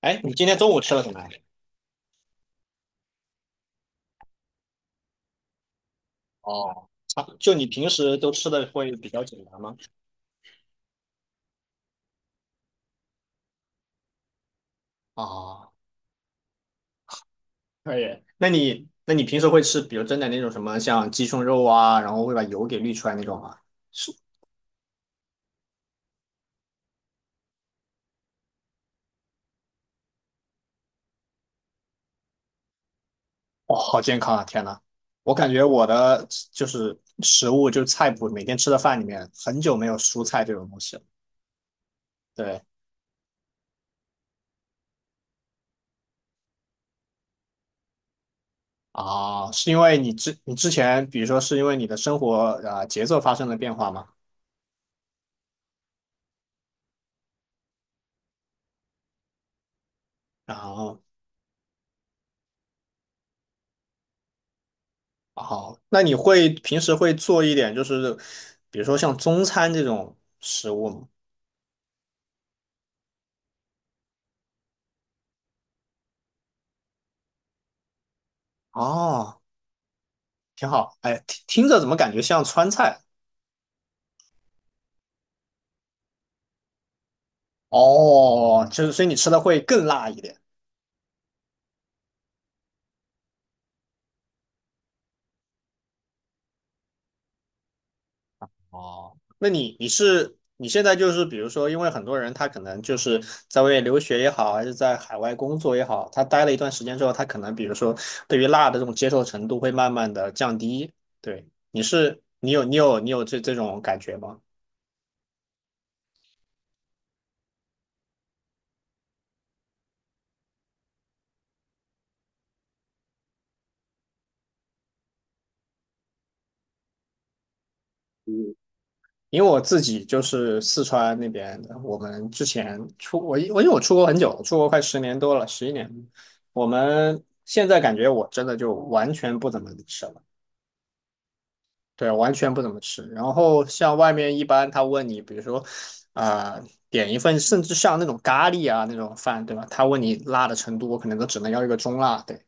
哎，你今天中午吃了什么？哦。啊，就你平时都吃的会比较简单吗？哦，可以。那你平时会吃，比如蒸的那种什么，像鸡胸肉啊，然后会把油给滤出来那种吗？是。哦，好健康啊！天呐，我感觉我的就是食物，就是菜谱，每天吃的饭里面很久没有蔬菜这种东西了。对。啊，是因为你之前，比如说是因为你的生活啊节奏发生了变化吗？后。好，那你平时会做一点，就是比如说像中餐这种食物吗？哦，挺好。哎，听着怎么感觉像川菜？哦，就是所以你吃的会更辣一点。哦，那你现在就是比如说，因为很多人他可能就是在外面留学也好，还是在海外工作也好，他待了一段时间之后，他可能比如说对于辣的这种接受程度会慢慢的降低。对，你是你有你有你有这这种感觉吗？因为我自己就是四川那边的，我们之前出我我因为我出国很久，出国快10年多了，11年。我们现在感觉我真的就完全不怎么吃了，对，完全不怎么吃。然后像外面一般他问你，比如说啊、呃点一份，甚至像那种咖喱啊那种饭，对吧？他问你辣的程度，我可能都只能要一个中辣。对，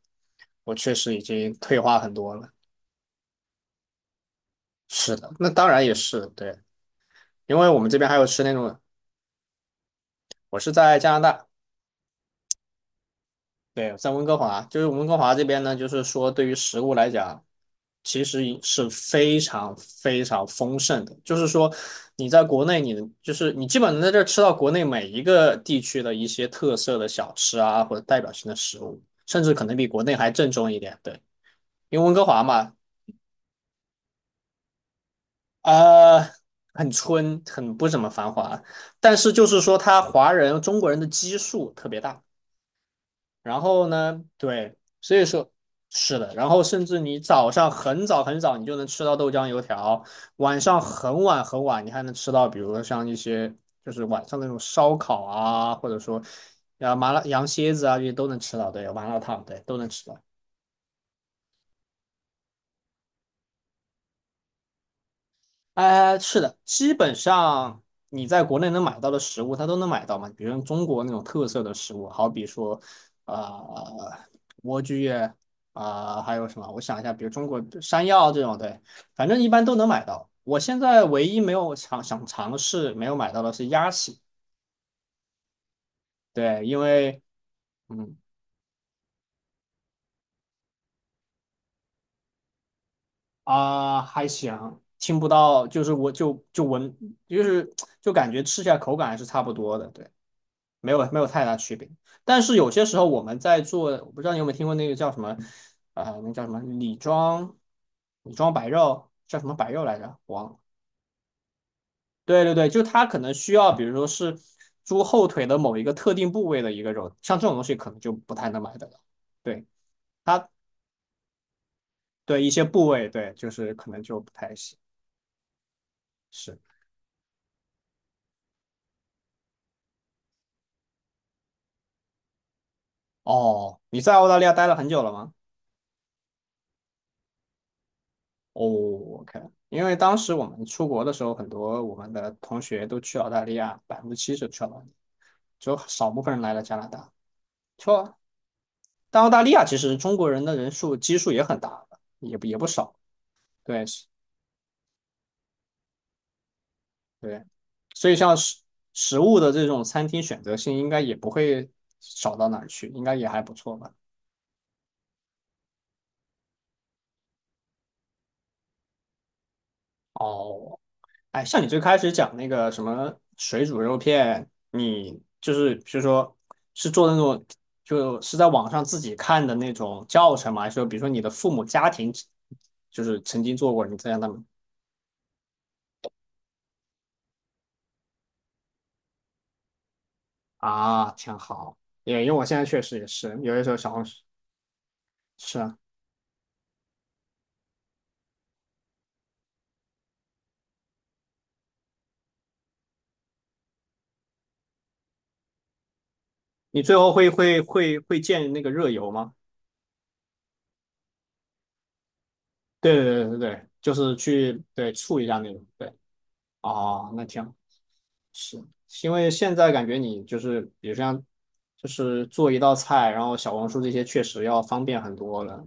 我确实已经退化很多了。是的，那当然也是对，因为我们这边还有吃那种，我是在加拿大，对，在温哥华，就是温哥华这边呢，就是说对于食物来讲，其实是非常非常丰盛的。就是说，你在国内你，就是你基本能在这儿吃到国内每一个地区的一些特色的小吃啊，或者代表性的食物，甚至可能比国内还正宗一点。对，因为温哥华嘛，呃，很村，很不怎么繁华，但是就是说他华人中国人的基数特别大。然后呢，对，所以说是的，然后甚至你早上很早很早，你就能吃到豆浆油条，晚上很晚很晚，你还能吃到，比如说像一些就是晚上那种烧烤啊，或者说啊麻辣羊蝎子啊，这些都能吃到，对，麻辣烫，对，都能吃到。哎，是的，基本上你在国内能买到的食物，它都能买到嘛。比如中国那种特色的食物，好比说，呃，莴苣啊、还有什么？我想一下，比如中国山药这种，对，反正一般都能买到。我现在唯一没有尝想尝试没有买到的是鸭血，对，因为嗯还行，听不到，就是我就闻，就是感觉吃起来口感还是差不多的，对。没有太大区别。但是有些时候我们在做，我不知道你有没有听过那个叫什么，那叫什么李庄，李庄白肉叫什么白肉来着？忘了。对对对，就它可能需要，比如说是猪后腿的某一个特定部位的一个肉，像这种东西可能就不太能买得到。对它，对一些部位，对就是可能就不太行。是。哦，你在澳大利亚待了很久了吗？哦，OK,因为当时我们出国的时候，很多我们的同学都去澳大利亚，70%去澳大利亚，只有少部分人来了加拿大。说，但澳大利亚其实中国人的人数基数也很大的也不少。对，是对，所以像食物的这种餐厅选择性，应该也不会少到哪儿去，应该也还不错吧。哦，哎，像你最开始讲那个什么水煮肉片，你就是比如说是做的那种，就是在网上自己看的那种教程吗？还是说比如说你的父母家庭就是曾经做过，你再让他们啊，挺好。也因为我现在确实也是，有的时候小红书是啊，你最后会建那个热油吗？对对对对对，就是去对醋一下那种。对，哦，那挺是，因为现在感觉你就是，比如像，就是做一道菜，然后小红书这些确实要方便很多了。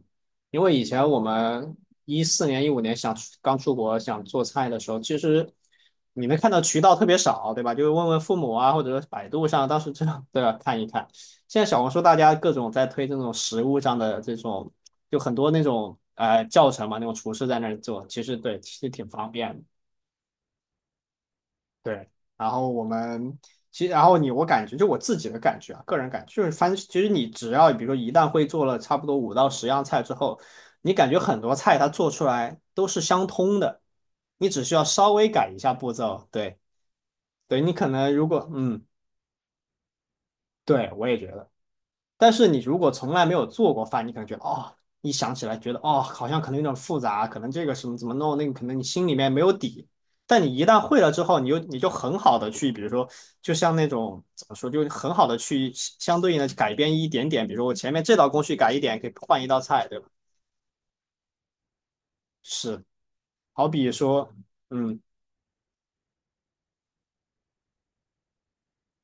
因为以前我们14年、15年想出刚出国想做菜的时候，其实你能看到渠道特别少，对吧？就是问问父母啊，或者说百度上，当时这样都要看一看。现在小红书大家各种在推这种食物上的这种，就很多那种教程嘛，那种厨师在那儿做，其实对，其实挺方便的。对，然后我们其实，然后你我感觉就我自己的感觉啊，个人感觉就是翻，其实你只要比如说一旦会做了差不多5到10样菜之后，你感觉很多菜它做出来都是相通的，你只需要稍微改一下步骤，对，对你可能如果嗯，对我也觉得。但是你如果从来没有做过饭，你可能觉得哦，一想起来觉得哦，好像可能有点复杂，可能这个什么怎么弄，那个可能你心里面没有底。但你一旦会了之后，你就很好的去，比如说，就像那种怎么说，就很好的去相对应的改变一点点，比如说我前面这道工序改一点，可以换一道菜，对吧？是，好比说，嗯，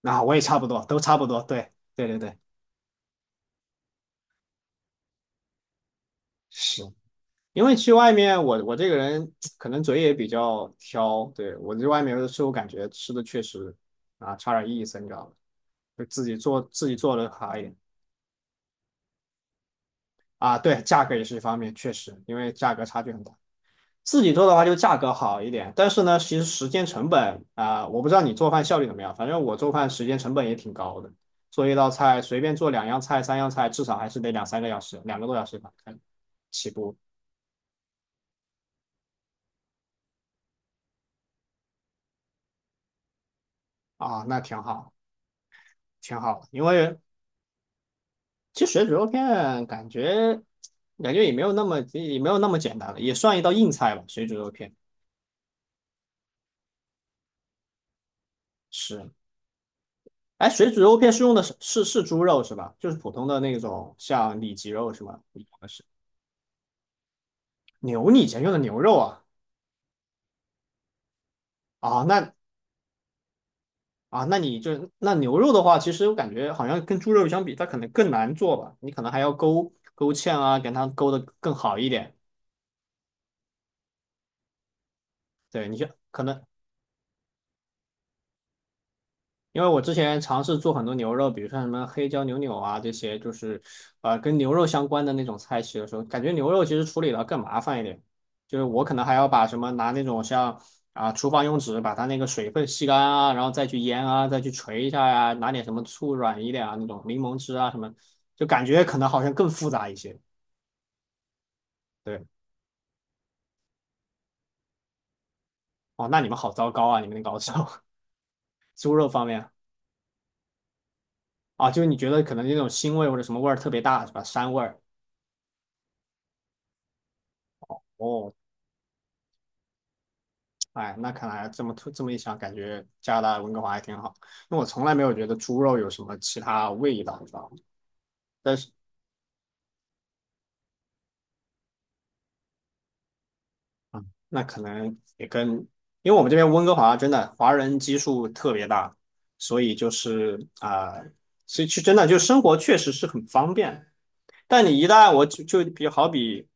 那、我也差不多，都差不多，对，对对对，是。因为去外面，我这个人可能嘴也比较挑，对，我在外面有的时候感觉吃的确实啊差点意思，你知道吗？就自己做自己做的好一点啊，对，价格也是一方面，确实，因为价格差距很大。自己做的话就价格好一点，但是呢，其实时间成本啊，我不知道你做饭效率怎么样，反正我做饭时间成本也挺高的，做一道菜随便做2样菜、3样菜，至少还是得2、3个小时，2个多小时吧，看起步啊，那挺好，挺好，因为其实水煮肉片感觉也没有那么简单了，也算一道硬菜吧。水煮肉片是，哎，水煮肉片是用的是猪肉是吧？就是普通的那种像里脊肉是吗？是，牛，你以前用的牛肉啊？啊，那啊，那你就那牛肉的话，其实我感觉好像跟猪肉相比，它可能更难做吧。你可能还要勾勾芡啊，给它勾的更好一点。对，你就可能因为我之前尝试做很多牛肉，比如像什么黑椒牛柳啊这些，就是跟牛肉相关的那种菜系的时候，感觉牛肉其实处理的更麻烦一点，就是我可能还要把什么拿那种像厨房用纸把它那个水分吸干啊，然后再去腌啊，再去捶一下呀、拿点什么醋软一点啊，那种柠檬汁啊什么，就感觉可能好像更复杂一些。对，哦，那你们好糟糕啊，你们那个熬烧 猪肉方面啊，就是你觉得可能那种腥味或者什么味儿特别大是吧？膻味儿。哦，哎，那看来这么一想，感觉加拿大温哥华还挺好，因为我从来没有觉得猪肉有什么其他味道，你知道吗？但是。啊，那可能也跟，因为我们这边温哥华真的华人基数特别大，所以就是所以去真的就生活确实是很方便。但你一旦我就就比好比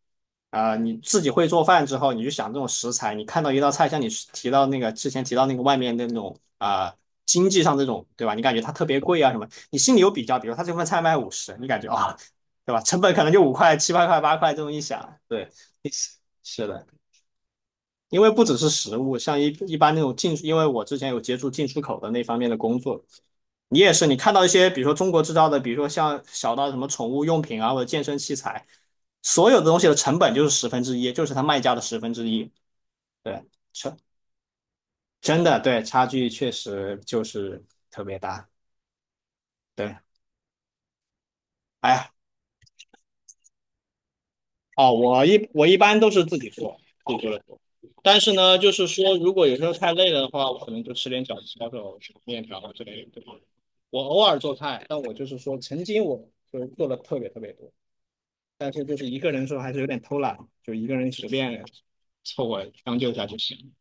啊、你自己会做饭之后，你就想这种食材，你看到一道菜，像你提到那个之前提到那个外面的那种啊、经济上这种对吧？你感觉它特别贵啊什么，你心里有比较，比如他这份菜卖50，你感觉啊、对吧？成本可能就5块、7、8块、八块这么一想，对，是的。因为不只是食物，像一般那种进，因为我之前有接触进出口的那方面的工作，你也是，你看到一些，比如说中国制造的，比如说像小到什么宠物用品啊，或者健身器材，所有的东西的成本就是十分之一，就是它卖家的十分之一。对，成，真的，对，差距确实就是特别大。对，哎呀。哦，我一般都是自己做，自己做的多。但是呢，就是说，如果有时候太累了的话，我可能就吃点饺子、抄手、面条之类的，对吧？我偶尔做菜，但我就是说，曾经我就是做的特别特别多，但是就是一个人的时候还是有点偷懒，就一个人随便凑合将就一下就行。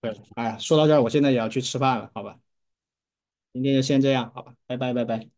对，哎呀，说到这儿，我现在也要去吃饭了，好吧？今天就先这样，好吧？拜拜，拜拜。